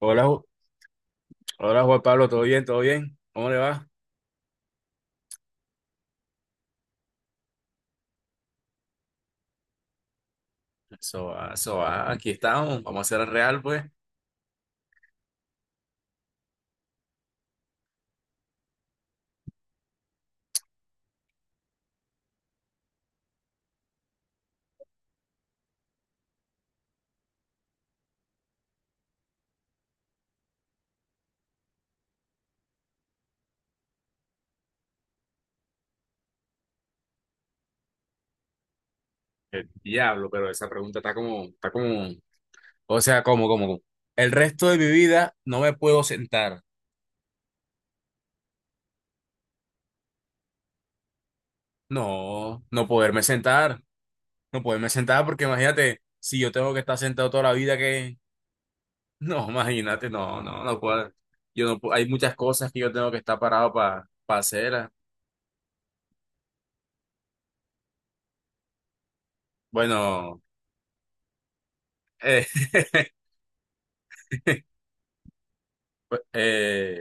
Hola, hola Juan Pablo, ¿todo bien? ¿Todo bien? ¿Cómo le va? Eso va, eso va, aquí estamos, vamos a hacer el real, pues. El diablo, pero esa pregunta está como, o sea, como. El resto de mi vida no me puedo sentar. No, no poderme sentar, no poderme sentar, porque imagínate, si yo tengo que estar sentado toda la vida, que, no, imagínate, no, no, no puedo. Yo no, pu- hay muchas cosas que yo tengo que estar parado para hacer. Bueno, eh, eh,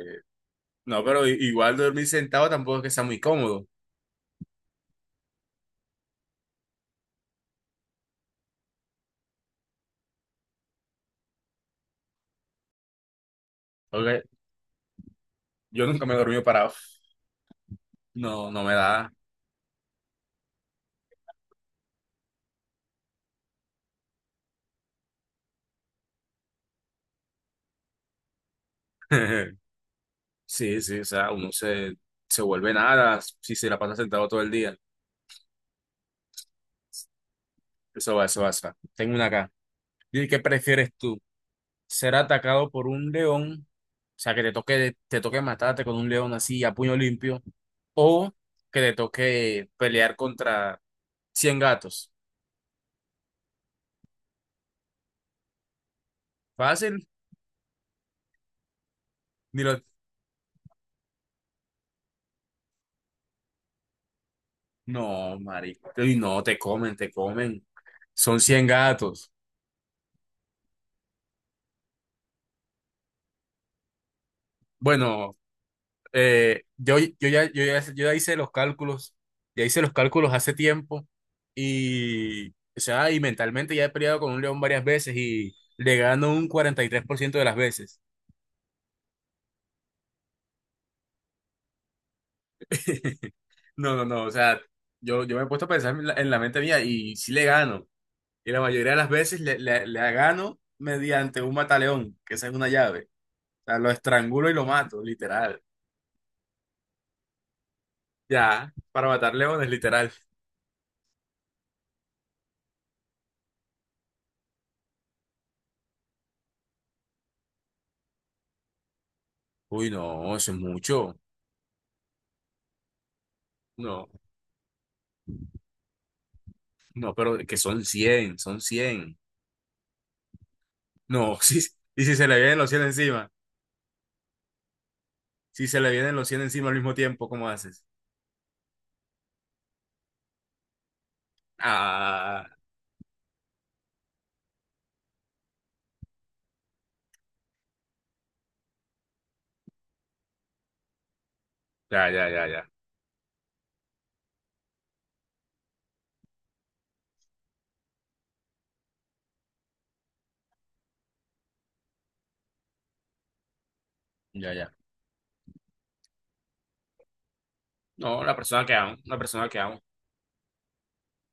No, pero igual dormir sentado tampoco es que sea muy cómodo. Porque yo nunca me he dormido parado. No, no me da. Sí, sí, o sea, uno se, se vuelve nada si se la pasa sentado todo el día. Eso va, eso va, eso va. Tengo una acá. ¿Y qué prefieres tú? ¿Ser atacado por un león? O sea, que te toque matarte con un león así a puño limpio. O que te toque pelear contra 100 gatos. Fácil, ni lo, No, marico. Y no, te comen, te comen. Son 100 gatos. Bueno, yo ya hice los cálculos. Ya hice los cálculos hace tiempo. Y, o sea, y mentalmente ya he peleado con un león varias veces y le gano un 43% de las veces. No, no, no. O sea, yo me he puesto a pensar en la mente mía y sí le gano. Y la mayoría de las veces le gano mediante un mataleón, que esa es una llave. O sea, lo estrangulo y lo mato, literal. Ya, para matar leones, literal. Uy, no, eso es mucho. No, no, pero que son 100 son cien. No, sí, y si se le vienen los 100 encima, si se le vienen los cien encima al mismo tiempo, ¿cómo haces? Ah, ya, ya, ya, ya, ya, ya. No, la persona que amo, la persona que amo.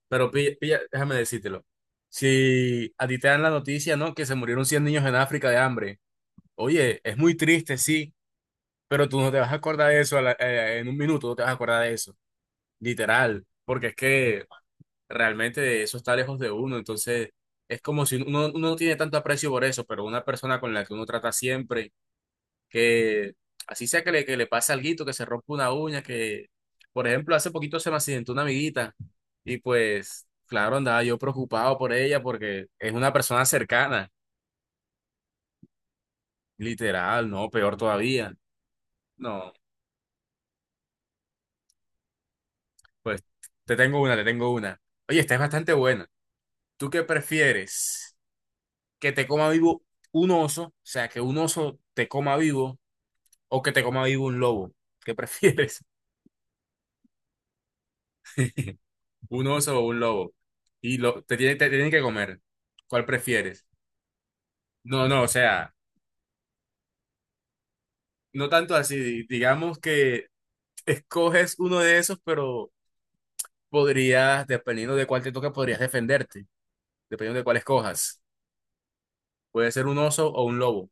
Pero pilla, pilla, déjame decírtelo. Si a ti te dan la noticia, ¿no? Que se murieron 100 niños en África de hambre. Oye, es muy triste, sí, pero tú no te vas a acordar de eso en un minuto, no te vas a acordar de eso. Literal, porque es que realmente eso está lejos de uno, entonces es como si uno no tiene tanto aprecio por eso, pero una persona con la que uno trata siempre, que así sea que le pase alguito, que se rompa una uña, que por ejemplo hace poquito se me accidentó una amiguita y pues claro, andaba yo preocupado por ella porque es una persona cercana, literal, no, peor todavía. No, pues te tengo una, te tengo una. Oye, esta es bastante buena. ¿Tú qué prefieres? Que te coma vivo un oso, o sea, que un oso te coma vivo o que te coma vivo un lobo. ¿Qué prefieres? ¿Un oso o un lobo? Y te tienen que comer. ¿Cuál prefieres? No, no, o sea, no tanto así. Digamos que escoges uno de esos, pero podrías, dependiendo de cuál te toque, podrías defenderte, dependiendo de cuál escojas. Puede ser un oso o un lobo.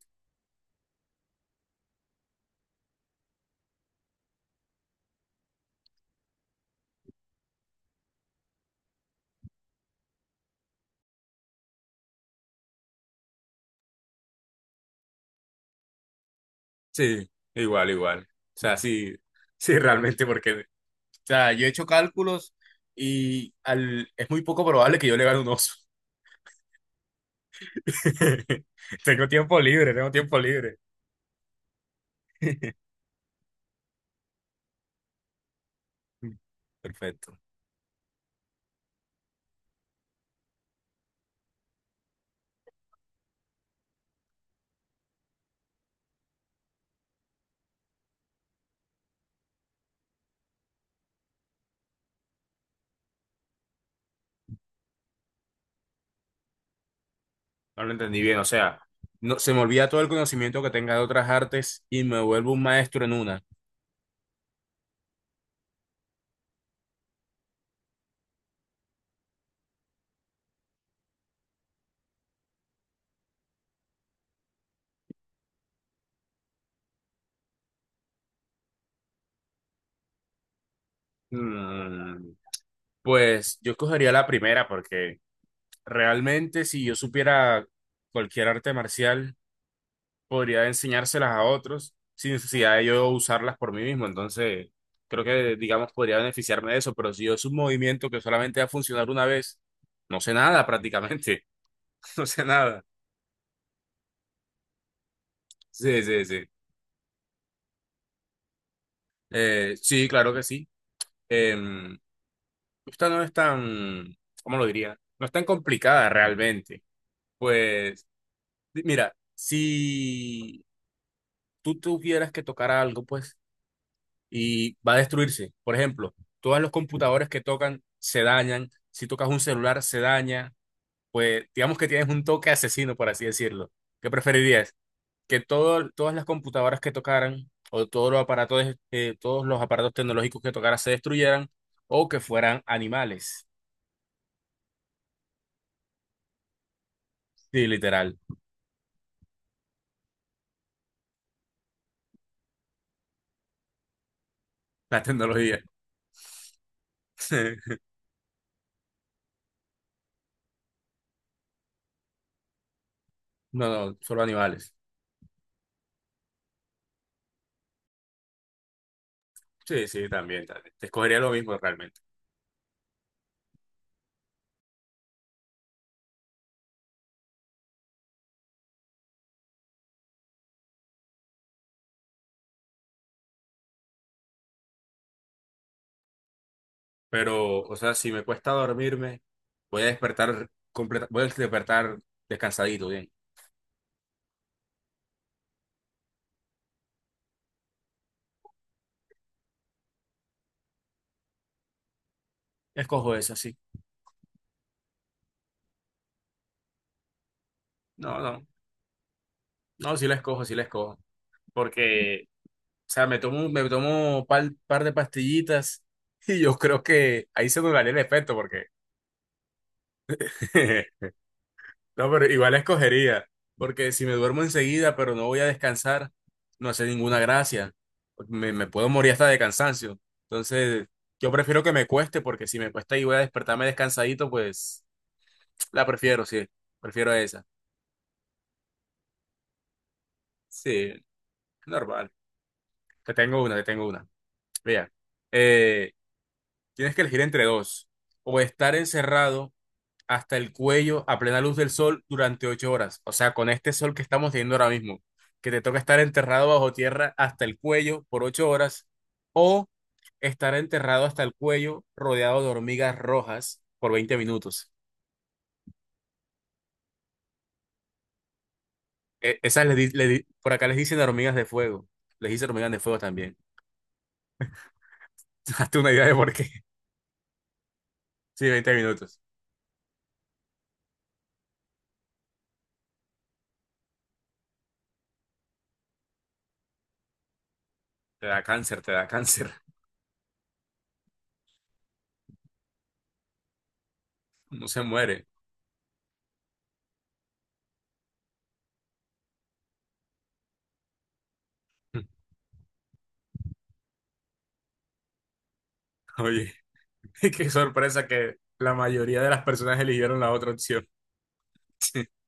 Sí, igual, igual. O sea, sí, sí, realmente, porque sea, yo he hecho cálculos y es muy poco probable que yo le gane un oso. Tengo tiempo libre, tengo tiempo libre. Perfecto. No lo entendí bien. O sea, no, se me olvida todo el conocimiento que tenga de otras artes y me vuelvo un maestro en una. Mm, pues yo escogería la primera porque realmente si yo supiera cualquier arte marcial... podría enseñárselas a otros sin necesidad de yo usarlas por mí mismo. Entonces, creo que, digamos, podría beneficiarme de eso, pero si yo es un movimiento que solamente va a funcionar una vez, no sé nada prácticamente, no sé nada. Sí, sí, sí. Sí, claro que sí. Em, esta no es tan, ¿cómo lo diría? No es tan complicada realmente. Pues, mira, si tú tuvieras que tocar algo, pues y va a destruirse. Por ejemplo, todos los computadores que tocan se dañan, si tocas un celular se daña, pues digamos que tienes un toque asesino, por así decirlo. ¿Qué preferirías? ¿Que todas las computadoras que tocaran o todos los aparatos tecnológicos que tocaran se destruyeran o que fueran animales? Sí, literal, la tecnología. No, no, solo animales. Sí, sí, también, también. Te escogería lo mismo realmente. Pero, o sea, si me cuesta dormirme, voy a despertar completa, voy a despertar descansadito, bien. Escojo esa, sí. No, no, no, sí la escojo, sí la escojo. Porque, o sea, me tomo un par de pastillitas y yo creo que ahí se anularía el efecto, porque no, pero igual escogería, porque si me duermo enseguida, pero no voy a descansar, no hace ninguna gracia. Me puedo morir hasta de cansancio. Entonces, yo prefiero que me cueste, porque si me cuesta y voy a despertarme descansadito, pues la prefiero, sí. Prefiero esa. Sí, normal. Te tengo una, te tengo una. Vea, eh, tienes que elegir entre dos. O estar encerrado hasta el cuello a plena luz del sol durante 8 horas. O sea, con este sol que estamos teniendo ahora mismo, que te toca estar enterrado bajo tierra hasta el cuello por 8 horas o estar enterrado hasta el cuello rodeado de hormigas rojas por 20 minutos. E- esas le di- por acá les dicen hormigas de fuego. Les dicen hormigas de fuego también. Hazte una idea de por qué. Sí, 20 minutos. Te da cáncer, te da cáncer. No se muere. Oye, qué sorpresa que la mayoría de las personas eligieron la otra opción.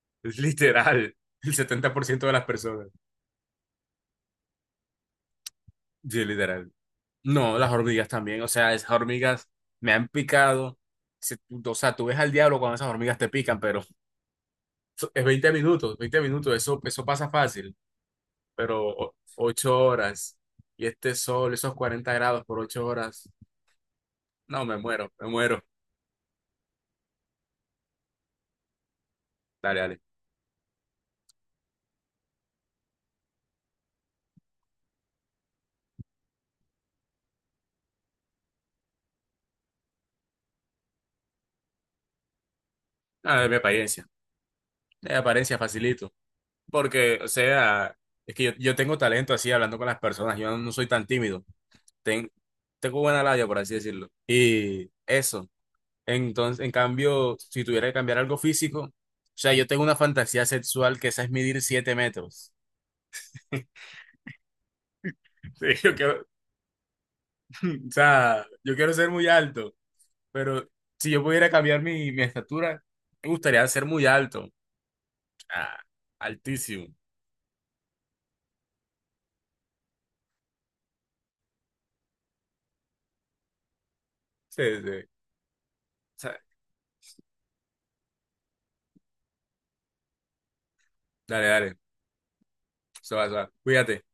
Literal, el 70% de las personas. Sí, literal. No, las hormigas también, o sea, esas hormigas me han picado. Se- O sea, tú ves al diablo cuando esas hormigas te pican, pero es 20 minutos, 20 minutos, eso, eso pasa fácil, pero 8 horas y este sol, esos 40 grados por 8 horas, no, me muero, me muero. Dale, dale. Ah, de mi apariencia facilito, porque, o sea, es que yo tengo talento así hablando con las personas, yo no soy tan tímido. ten- tengo buena labia, por así decirlo. Y eso. Entonces, en cambio, si tuviera que cambiar algo físico, o sea, yo tengo una fantasía sexual que esa es medir 7 metros. Sí, o sea, yo quiero ser muy alto, pero si yo pudiera cambiar mi estatura, me gustaría ser muy alto. O sea, altísimo. Sí, sí. O sea, dale, dale. Se va, cuídate.